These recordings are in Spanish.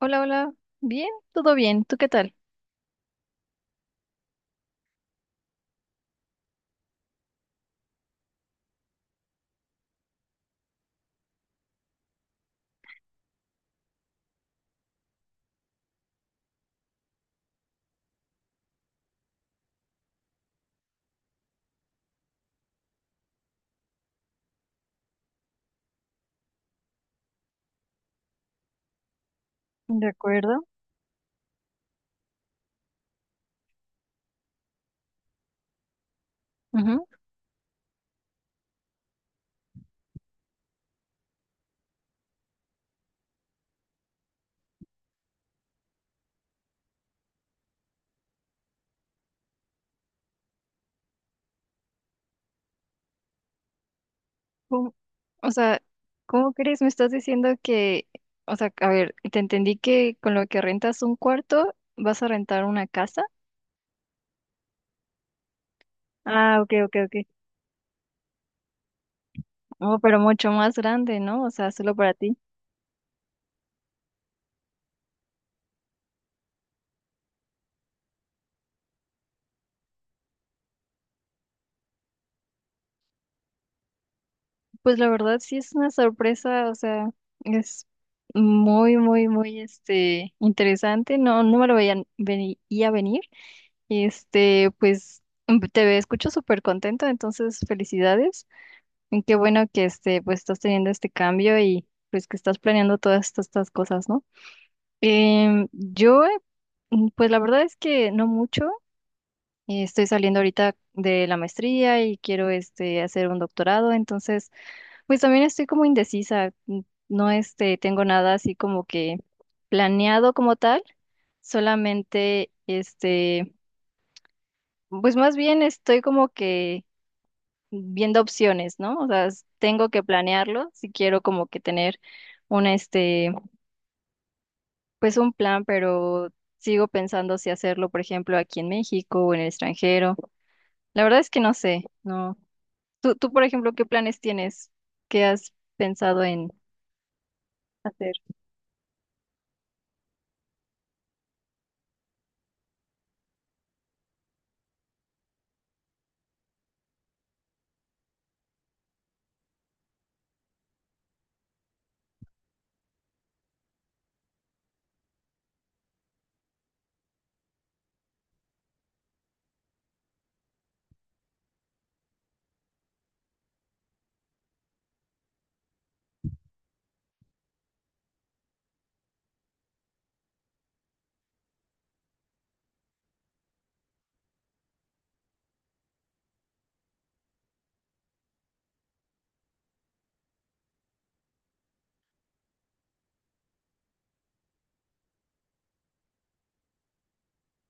Hola, hola. Bien, todo bien. ¿Tú qué tal? De acuerdo. Ujú. ¿Cómo- O sea, ¿cómo crees? Me estás diciendo que, o sea, a ver, te entendí que con lo que rentas un cuarto vas a rentar una casa. Ah, ok, ok, ok. Oh, pero mucho más grande, ¿no? O sea, solo para ti. Pues la verdad sí es una sorpresa, o sea, es muy, muy, muy, interesante. No, no me lo veía, venía venir. Pues escucho súper contento, entonces felicidades. Y qué bueno que pues estás teniendo este cambio y pues que estás planeando todas estas cosas, ¿no? Yo, pues la verdad es que no mucho. Estoy saliendo ahorita de la maestría y quiero hacer un doctorado, entonces pues también estoy como indecisa. No tengo nada así como que planeado como tal, solamente pues más bien estoy como que viendo opciones, ¿no? O sea, tengo que planearlo si quiero como que tener un este, pues un plan, pero sigo pensando si hacerlo, por ejemplo, aquí en México o en el extranjero. La verdad es que no sé, ¿no? Tú, por ejemplo, ¿qué planes tienes? ¿Qué has pensado en hacer?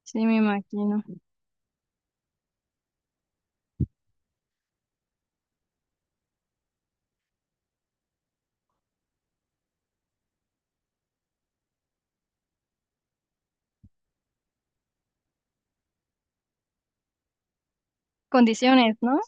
Sí, me imagino. Condiciones, ¿no?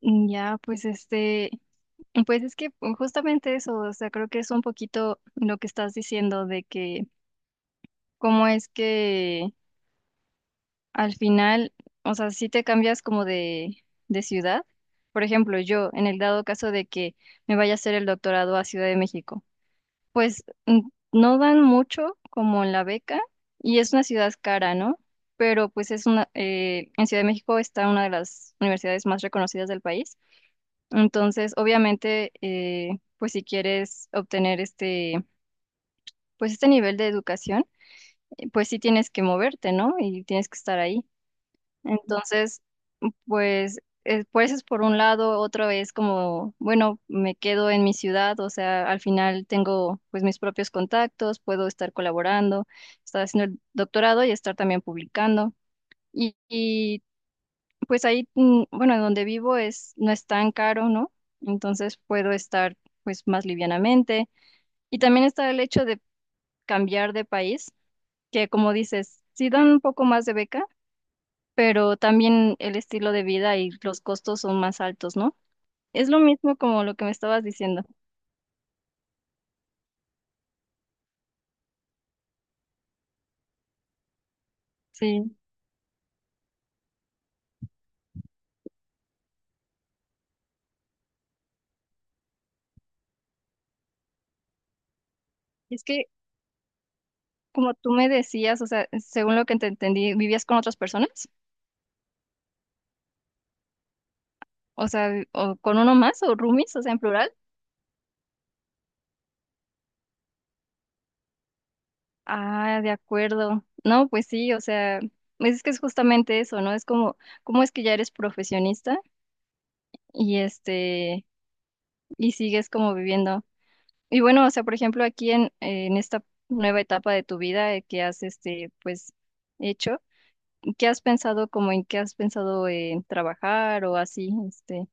Ya, pues es que justamente eso, o sea, creo que es un poquito lo que estás diciendo de que cómo es que al final, o sea, si te cambias como de, ciudad. Por ejemplo, yo, en el dado caso de que me vaya a hacer el doctorado a Ciudad de México, pues no dan mucho como en la beca y es una ciudad cara, ¿no? Pero pues es una, en Ciudad de México está una de las universidades más reconocidas del país. Entonces, obviamente, pues si quieres obtener pues este nivel de educación, pues sí tienes que moverte, ¿no? Y tienes que estar ahí. Entonces, pues, es por un lado, otro es como, bueno, me quedo en mi ciudad, o sea, al final tengo pues mis propios contactos, puedo estar colaborando, estar haciendo el doctorado y estar también publicando. Y, y, pues ahí, bueno, donde vivo es, no es tan caro, ¿no? Entonces puedo estar pues más livianamente. Y también está el hecho de cambiar de país, que como dices, sí dan un poco más de beca, pero también el estilo de vida y los costos son más altos, ¿no? Es lo mismo como lo que me estabas diciendo. Sí. Es que, como tú me decías, o sea, según lo que te entendí, ¿vivías con otras personas? O sea, o con uno más, o roomies, o sea, en plural. Ah, de acuerdo. No, pues sí, o sea, pues es que es justamente eso, ¿no? Es como, ¿cómo es que ya eres profesionista y este, y sigues como viviendo? Y bueno, o sea, por ejemplo, aquí en esta nueva etapa de tu vida, que has hecho, ¿qué has pensado, como en qué has pensado en trabajar o así?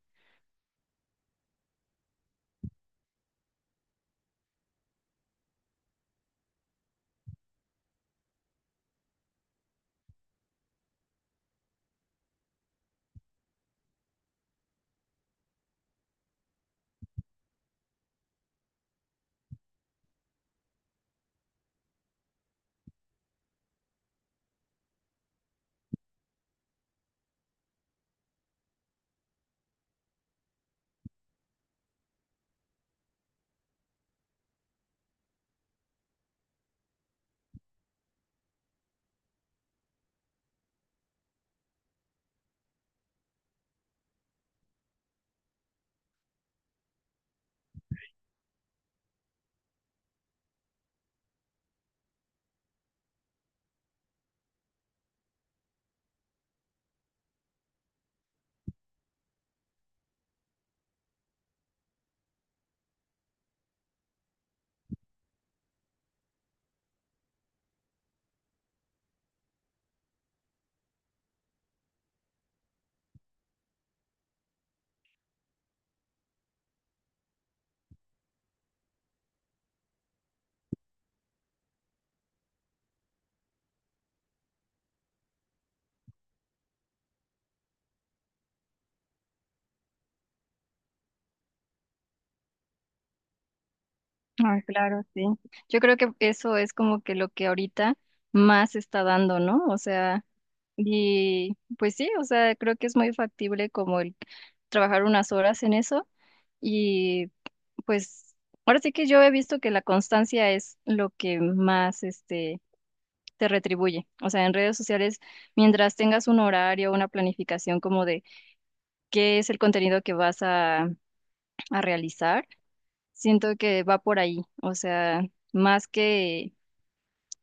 Ah, claro, sí. Yo creo que eso es como que lo que ahorita más está dando, ¿no? O sea, y pues sí, o sea, creo que es muy factible como el trabajar unas horas en eso y pues ahora sí que yo he visto que la constancia es lo que más, te retribuye. O sea, en redes sociales, mientras tengas un horario, una planificación como de qué es el contenido que vas a realizar, siento que va por ahí. O sea, más que,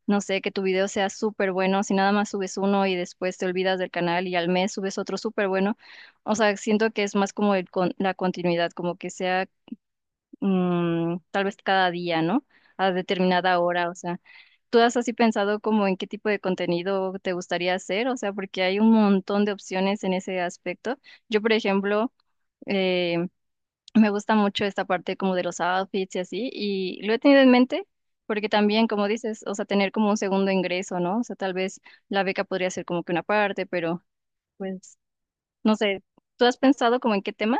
no sé, que tu video sea súper bueno, si nada más subes uno y después te olvidas del canal y al mes subes otro súper bueno, o sea, siento que es más como el la continuidad, como que sea tal vez cada día, ¿no? A determinada hora, o sea, ¿tú has así pensado como en qué tipo de contenido te gustaría hacer? O sea, porque hay un montón de opciones en ese aspecto. Yo, por ejemplo, eh, me gusta mucho esta parte como de los outfits y así, y lo he tenido en mente. Porque también, como dices, o sea, tener como un segundo ingreso, ¿no? O sea, tal vez la beca podría ser como que una parte, pero pues, no sé, ¿tú has pensado como en qué tema?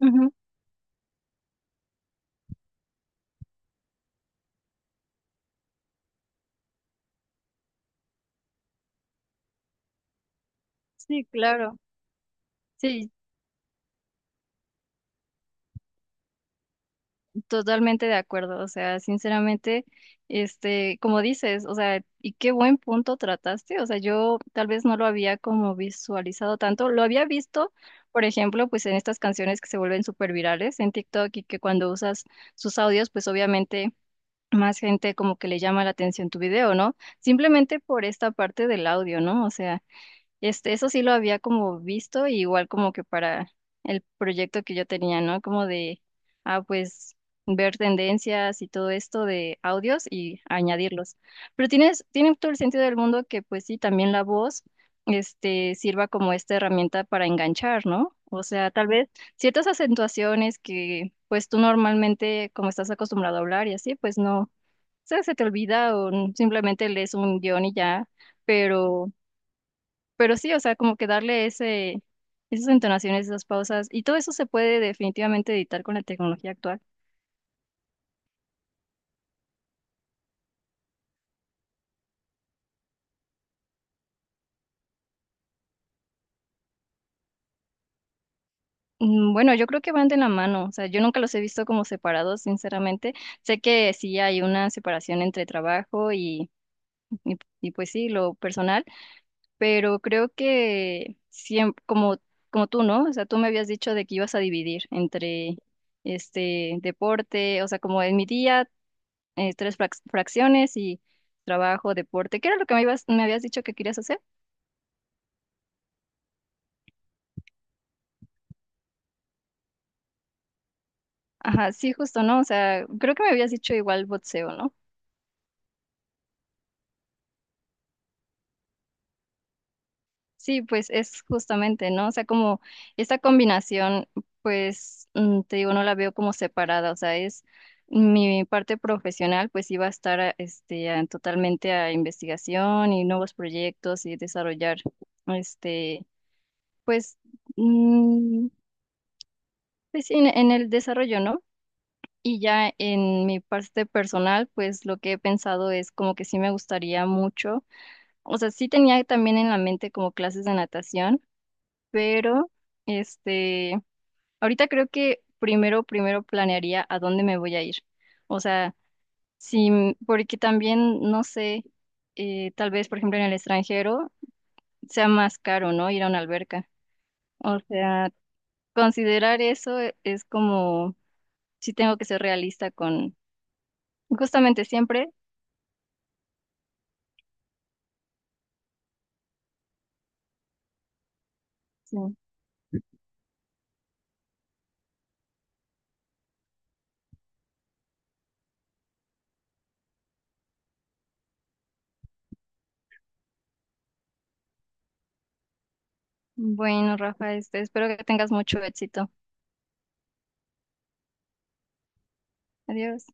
Ujú. Sí, claro. Sí, totalmente de acuerdo, o sea, sinceramente, como dices, o sea, y qué buen punto trataste, o sea, yo tal vez no lo había como visualizado tanto, lo había visto, por ejemplo, pues en estas canciones que se vuelven súper virales en TikTok y que cuando usas sus audios, pues obviamente más gente como que le llama la atención tu video, ¿no? Simplemente por esta parte del audio, ¿no? O sea... eso sí lo había como visto, igual como que para el proyecto que yo tenía, ¿no? Como de, ah, pues ver tendencias y todo esto de audios y añadirlos. Pero tiene todo el sentido del mundo que pues sí, también la voz, sirva como esta herramienta para enganchar, ¿no? O sea, tal vez ciertas acentuaciones que pues tú normalmente, como estás acostumbrado a hablar y así, pues no, o sea, se te olvida o simplemente lees un guión y ya, pero sí, o sea, como que darle ese, esas entonaciones, esas pausas, y todo eso se puede definitivamente editar con la tecnología actual. Bueno, yo creo que van de la mano, o sea, yo nunca los he visto como separados, sinceramente. Sé que sí hay una separación entre trabajo pues sí, lo personal, pero creo que siempre, como tú, ¿no? O sea, tú me habías dicho de que ibas a dividir entre este deporte, o sea, como en mi día, tres fracciones y trabajo, deporte. ¿Qué era lo que me habías dicho que querías hacer? Ajá, sí, justo, ¿no? O sea, creo que me habías dicho igual boxeo, ¿no? Sí, pues es justamente, ¿no? O sea, como esta combinación, pues te digo, no la veo como separada, o sea, es mi parte profesional, pues iba a estar totalmente a investigación y nuevos proyectos y desarrollar, este, pues, mm, pues sí, en el desarrollo, ¿no? Y ya en mi parte personal, pues lo que he pensado es como que sí me gustaría mucho. O sea, sí tenía también en la mente como clases de natación, pero este, ahorita creo que primero, primero planearía a dónde me voy a ir. O sea, sí, porque también, no sé, tal vez, por ejemplo, en el extranjero sea más caro, ¿no? Ir a una alberca. O sea, considerar eso es como, sí tengo que ser realista con, justamente siempre. Sí. Bueno, Rafa, espero que tengas mucho éxito. Adiós.